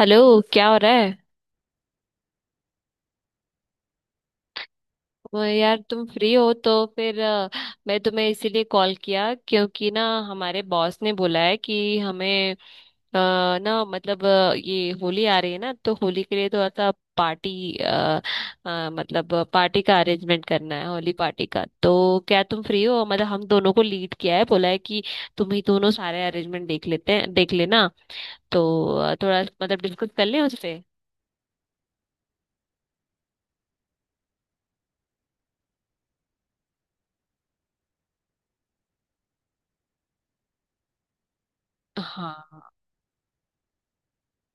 Hello. क्या हो रहा है? वो यार, तुम फ्री हो तो फिर मैं तुम्हें इसीलिए कॉल किया क्योंकि ना, हमारे बॉस ने बोला है कि हमें ना, मतलब ये होली आ रही है ना, तो होली के लिए थोड़ा सा पार्टी मतलब पार्टी का अरेंजमेंट करना है, होली पार्टी का। तो क्या तुम फ्री हो? मतलब हम दोनों को लीड किया है, बोला है कि तुम ही दोनों सारे अरेंजमेंट देख लेते हैं, देख लेना। तो थोड़ा मतलब डिस्कस कर लें उससे। हाँ,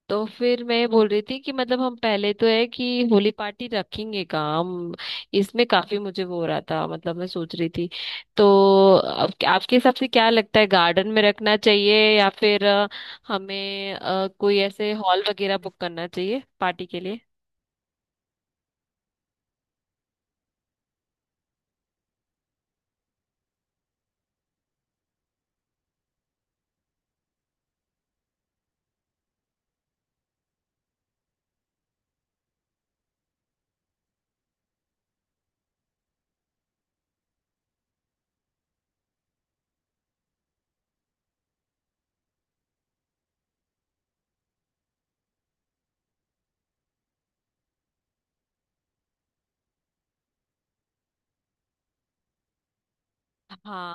तो फिर मैं ये बोल रही थी कि मतलब हम पहले तो है कि होली पार्टी रखेंगे काम। इसमें काफी मुझे वो हो रहा था, मतलब मैं सोच रही थी। तो अब आपके हिसाब से क्या लगता है, गार्डन में रखना चाहिए या फिर हमें कोई ऐसे हॉल वगैरह बुक करना चाहिए पार्टी के लिए? हाँ,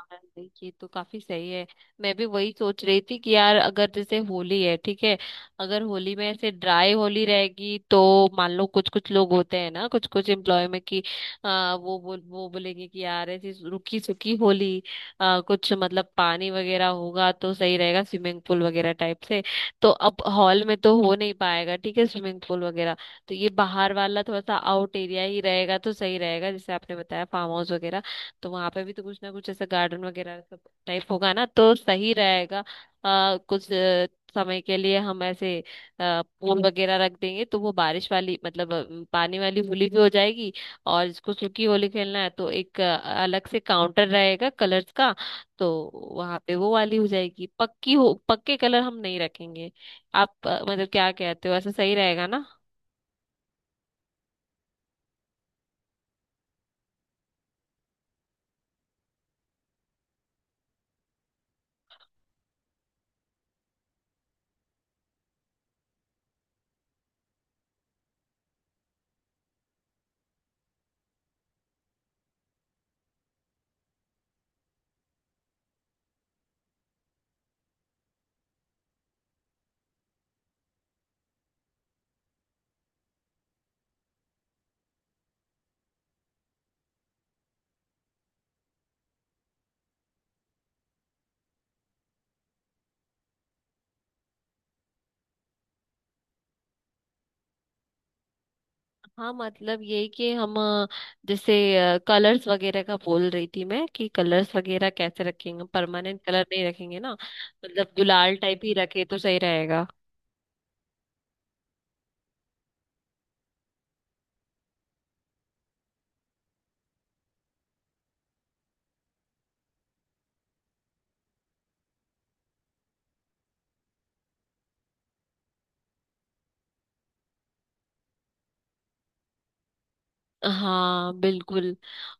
ये तो काफी सही है। मैं भी वही सोच रही थी कि यार, अगर जैसे होली है, ठीक है, अगर होली में ऐसे ड्राई होली रहेगी तो मान लो कुछ कुछ लोग होते हैं ना, कुछ कुछ एम्प्लॉय में कि वो बोलेंगे कि यार, ऐसी रुकी सुकी होली। कुछ मतलब पानी वगैरह होगा तो सही रहेगा, स्विमिंग पूल वगैरह टाइप से। तो अब हॉल में तो हो नहीं पाएगा, ठीक है, स्विमिंग पूल वगैरह। तो ये बाहर वाला थोड़ा सा आउट एरिया ही रहेगा तो सही रहेगा, जैसे आपने बताया फार्म हाउस वगैरह। तो वहां पे भी तो कुछ ना कुछ ऐसा गार्डन वगैरह सब टाइप होगा ना, तो सही रहेगा। कुछ समय के लिए हम ऐसे पूल वगैरह रख देंगे तो वो बारिश वाली, मतलब पानी वाली होली भी हो जाएगी। और जिसको सूखी होली खेलना है तो एक अलग से काउंटर रहेगा कलर्स का, तो वहां पे वो वाली हो जाएगी। पक्की हो पक्के कलर हम नहीं रखेंगे। आप मतलब क्या कहते हो, ऐसा सही रहेगा ना? हाँ मतलब, ये कि हम जैसे कलर्स वगैरह का बोल रही थी मैं कि कलर्स वगैरह कैसे रखेंगे, परमानेंट कलर नहीं रखेंगे ना, मतलब गुलाल टाइप ही रखे तो सही रहेगा। हाँ बिल्कुल।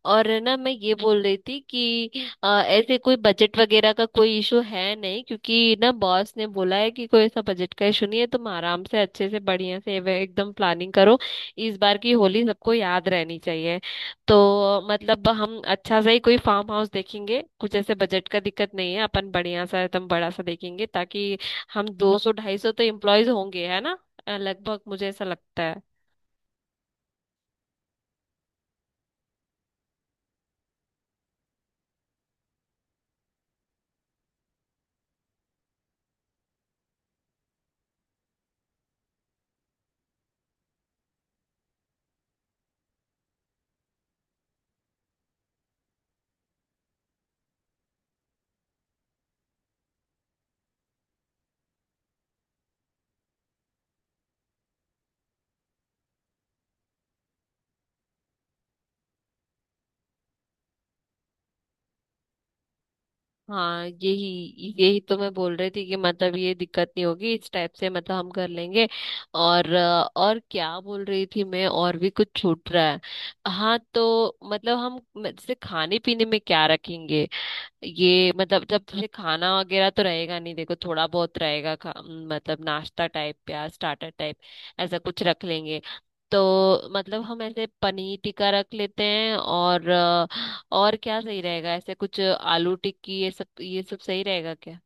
और है ना, मैं ये बोल रही थी कि ऐसे कोई बजट वगैरह का कोई इशू है नहीं, क्योंकि ना, बॉस ने बोला है कि कोई ऐसा बजट का इशू नहीं है, तुम आराम से अच्छे से बढ़िया से एकदम प्लानिंग करो। इस बार की होली सबको याद रहनी चाहिए। तो मतलब हम अच्छा सा ही कोई फार्म हाउस देखेंगे, कुछ ऐसे बजट का दिक्कत नहीं है, अपन बढ़िया सा एकदम बड़ा सा देखेंगे, ताकि हम 200 250 तो एम्प्लॉयज होंगे, है ना? लगभग मुझे ऐसा लगता है। हाँ यही यही तो मैं बोल रही थी कि मतलब ये दिक्कत नहीं होगी, इस टाइप से मतलब हम कर लेंगे। और और क्या बोल रही थी मैं, और भी कुछ छूट रहा है? हाँ, तो मतलब हम जैसे खाने पीने में क्या रखेंगे? ये मतलब, जब तुझे खाना वगैरह तो रहेगा नहीं, देखो थोड़ा बहुत रहेगा, मतलब नाश्ता टाइप या स्टार्टर टाइप, ऐसा कुछ रख लेंगे। तो मतलब हम ऐसे पनीर टिक्का रख लेते हैं और और क्या सही रहेगा, ऐसे कुछ आलू टिक्की, ये सब सही रहेगा क्या?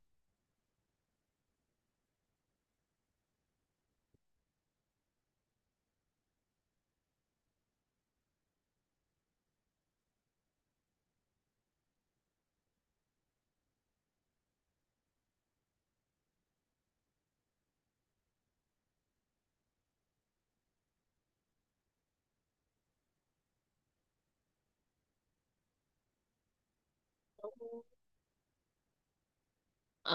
अ,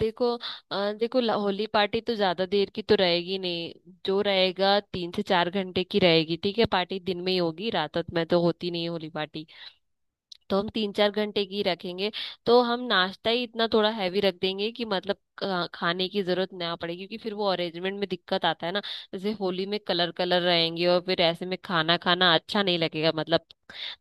देखो, देखो होली पार्टी तो ज्यादा देर की तो रहेगी नहीं। जो रहेगा 3 से 4 घंटे की रहेगी, ठीक है, पार्टी दिन में ही होगी, रात रात में तो होती नहीं है होली पार्टी। तो हम 3 4 घंटे की रखेंगे। तो हम नाश्ता ही इतना थोड़ा हैवी रख देंगे कि मतलब खाने की जरूरत ना पड़े, क्योंकि फिर वो अरेंजमेंट में दिक्कत आता है ना। जैसे होली में कलर कलर रहेंगे और फिर ऐसे में खाना खाना अच्छा नहीं लगेगा, मतलब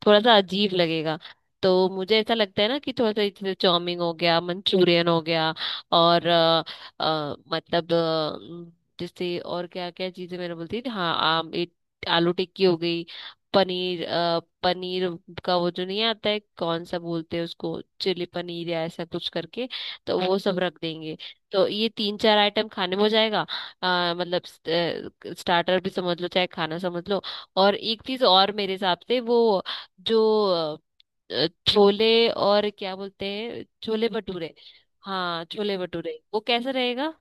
थोड़ा सा अजीब लगेगा। तो मुझे ऐसा लगता है ना कि थोड़ा सा जैसे चाउमीन हो गया, मंचूरियन हो गया, और मतलब जैसे और क्या क्या चीजें मैंने बोलती थी, हाँ, आम एक आलू टिक्की हो गई, पनीर पनीर का वो जो नहीं आता है, कौन सा बोलते हैं उसको, चिली पनीर या ऐसा कुछ करके, तो वो सब रख देंगे। तो ये तीन चार आइटम खाने में हो जाएगा, मतलब स्टार्टर भी समझ लो, चाहे खाना समझ लो। और एक चीज और मेरे हिसाब से, वो जो छोले, और क्या बोलते हैं, छोले भटूरे। हाँ छोले भटूरे, वो कैसा रहेगा?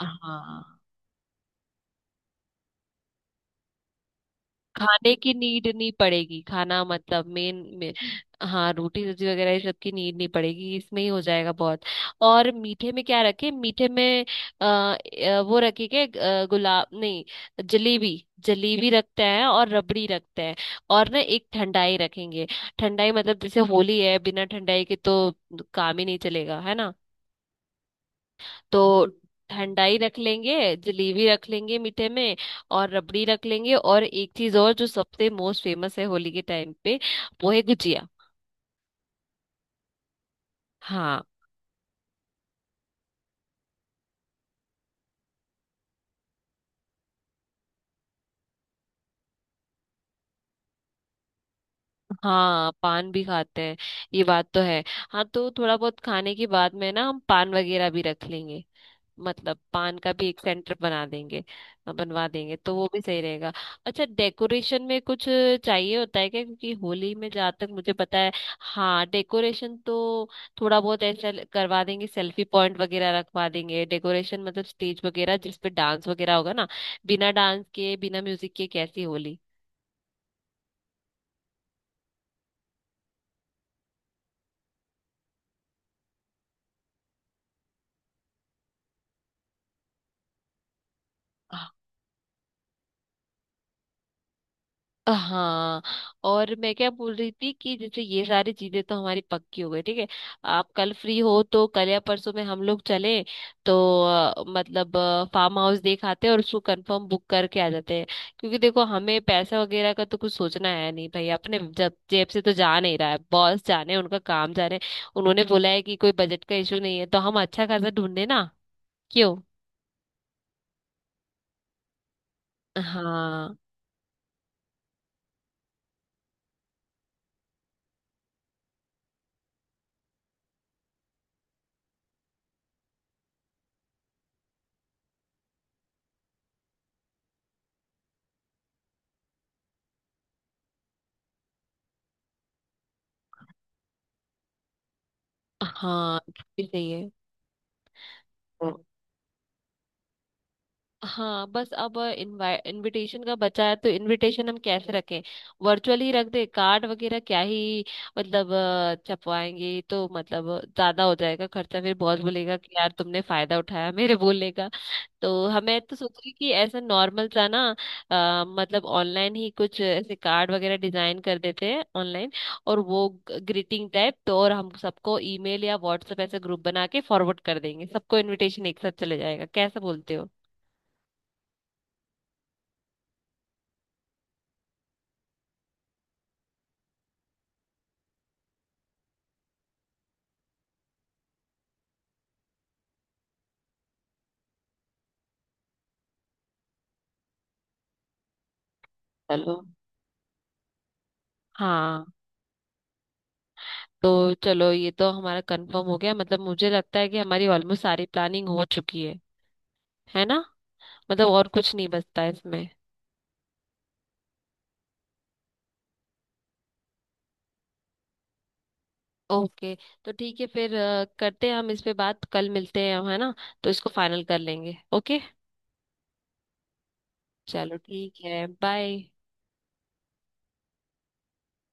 हाँ, खाने की नीड नहीं पड़ेगी, खाना मतलब मेन में। हाँ, रोटी सब्जी वगैरह ये सब की नीड नहीं पड़ेगी, इसमें ही हो जाएगा बहुत। और मीठे में क्या रखें, मीठे में? आ, वो रखे के गुलाब नहीं, जलेबी, जलेबी रखते हैं और रबड़ी रखते हैं। और ना एक ठंडाई रखेंगे। ठंडाई मतलब, जैसे होली है, बिना ठंडाई के तो काम ही नहीं चलेगा, है ना? तो ठंडाई रख लेंगे, जलेबी रख लेंगे मीठे में, और रबड़ी रख लेंगे। और एक चीज और, जो सबसे मोस्ट फेमस है होली के टाइम पे, वो है गुजिया। हाँ, हाँ पान भी खाते हैं, ये बात तो है। हाँ तो थोड़ा बहुत खाने के बाद में ना हम पान वगैरह भी रख लेंगे, मतलब पान का भी एक सेंटर बना देंगे, बनवा देंगे तो वो भी सही रहेगा। अच्छा, डेकोरेशन में कुछ चाहिए होता है क्या, क्योंकि होली में जहाँ तक मुझे पता है, हाँ, डेकोरेशन तो थोड़ा बहुत ऐसा करवा देंगे, सेल्फी पॉइंट वगैरह रखवा देंगे, डेकोरेशन मतलब स्टेज वगैरह जिस पे डांस वगैरह होगा ना, बिना डांस के बिना म्यूजिक के कैसी होली। हाँ, और मैं क्या बोल रही थी कि जैसे ये सारी चीजें तो हमारी पक्की हो गई, ठीक है, आप कल फ्री हो तो कल या परसों में हम लोग चले। तो मतलब फार्म हाउस देख आते हैं और उसको कंफर्म बुक करके आ जाते हैं, क्योंकि देखो, हमें पैसा वगैरह का तो कुछ सोचना है नहीं भाई, अपने जब जेब से तो जा नहीं रहा है, बॉस जाने उनका काम जाने। उन्होंने बोला है कि कोई बजट का इशू नहीं है, तो हम अच्छा खासा ढूंढे ना, क्यों? हाँ, हाँ ये सही है। हाँ बस अब इनविटेशन का बचा है, तो इनविटेशन हम कैसे रखें, वर्चुअल ही रख दे, कार्ड वगैरह क्या ही, मतलब छपवाएंगे तो मतलब ज्यादा हो जाएगा खर्चा, फिर बॉस बोलेगा कि यार तुमने फायदा उठाया मेरे बोलने का। तो हमें तो सोच रही कि ऐसा नॉर्मल सा ना, मतलब ऑनलाइन ही कुछ ऐसे कार्ड वगैरह डिजाइन कर देते हैं ऑनलाइन, और वो ग्रीटिंग टाइप तो, और हम सबको ईमेल या व्हाट्सएप ऐसे ग्रुप बना के फॉरवर्ड कर देंगे, सबको इनविटेशन एक साथ चले जाएगा, कैसा बोलते हो? चलो। हाँ तो चलो, ये तो हमारा कंफर्म हो गया, मतलब मुझे लगता है कि हमारी ऑलमोस्ट सारी प्लानिंग हो चुकी है ना? मतलब और कुछ नहीं बचता है इसमें। ओके, तो ठीक है फिर, करते हैं हम इस पे बात कल, मिलते हैं हम है ना, तो इसको फाइनल कर लेंगे। ओके, चलो ठीक है, बाय।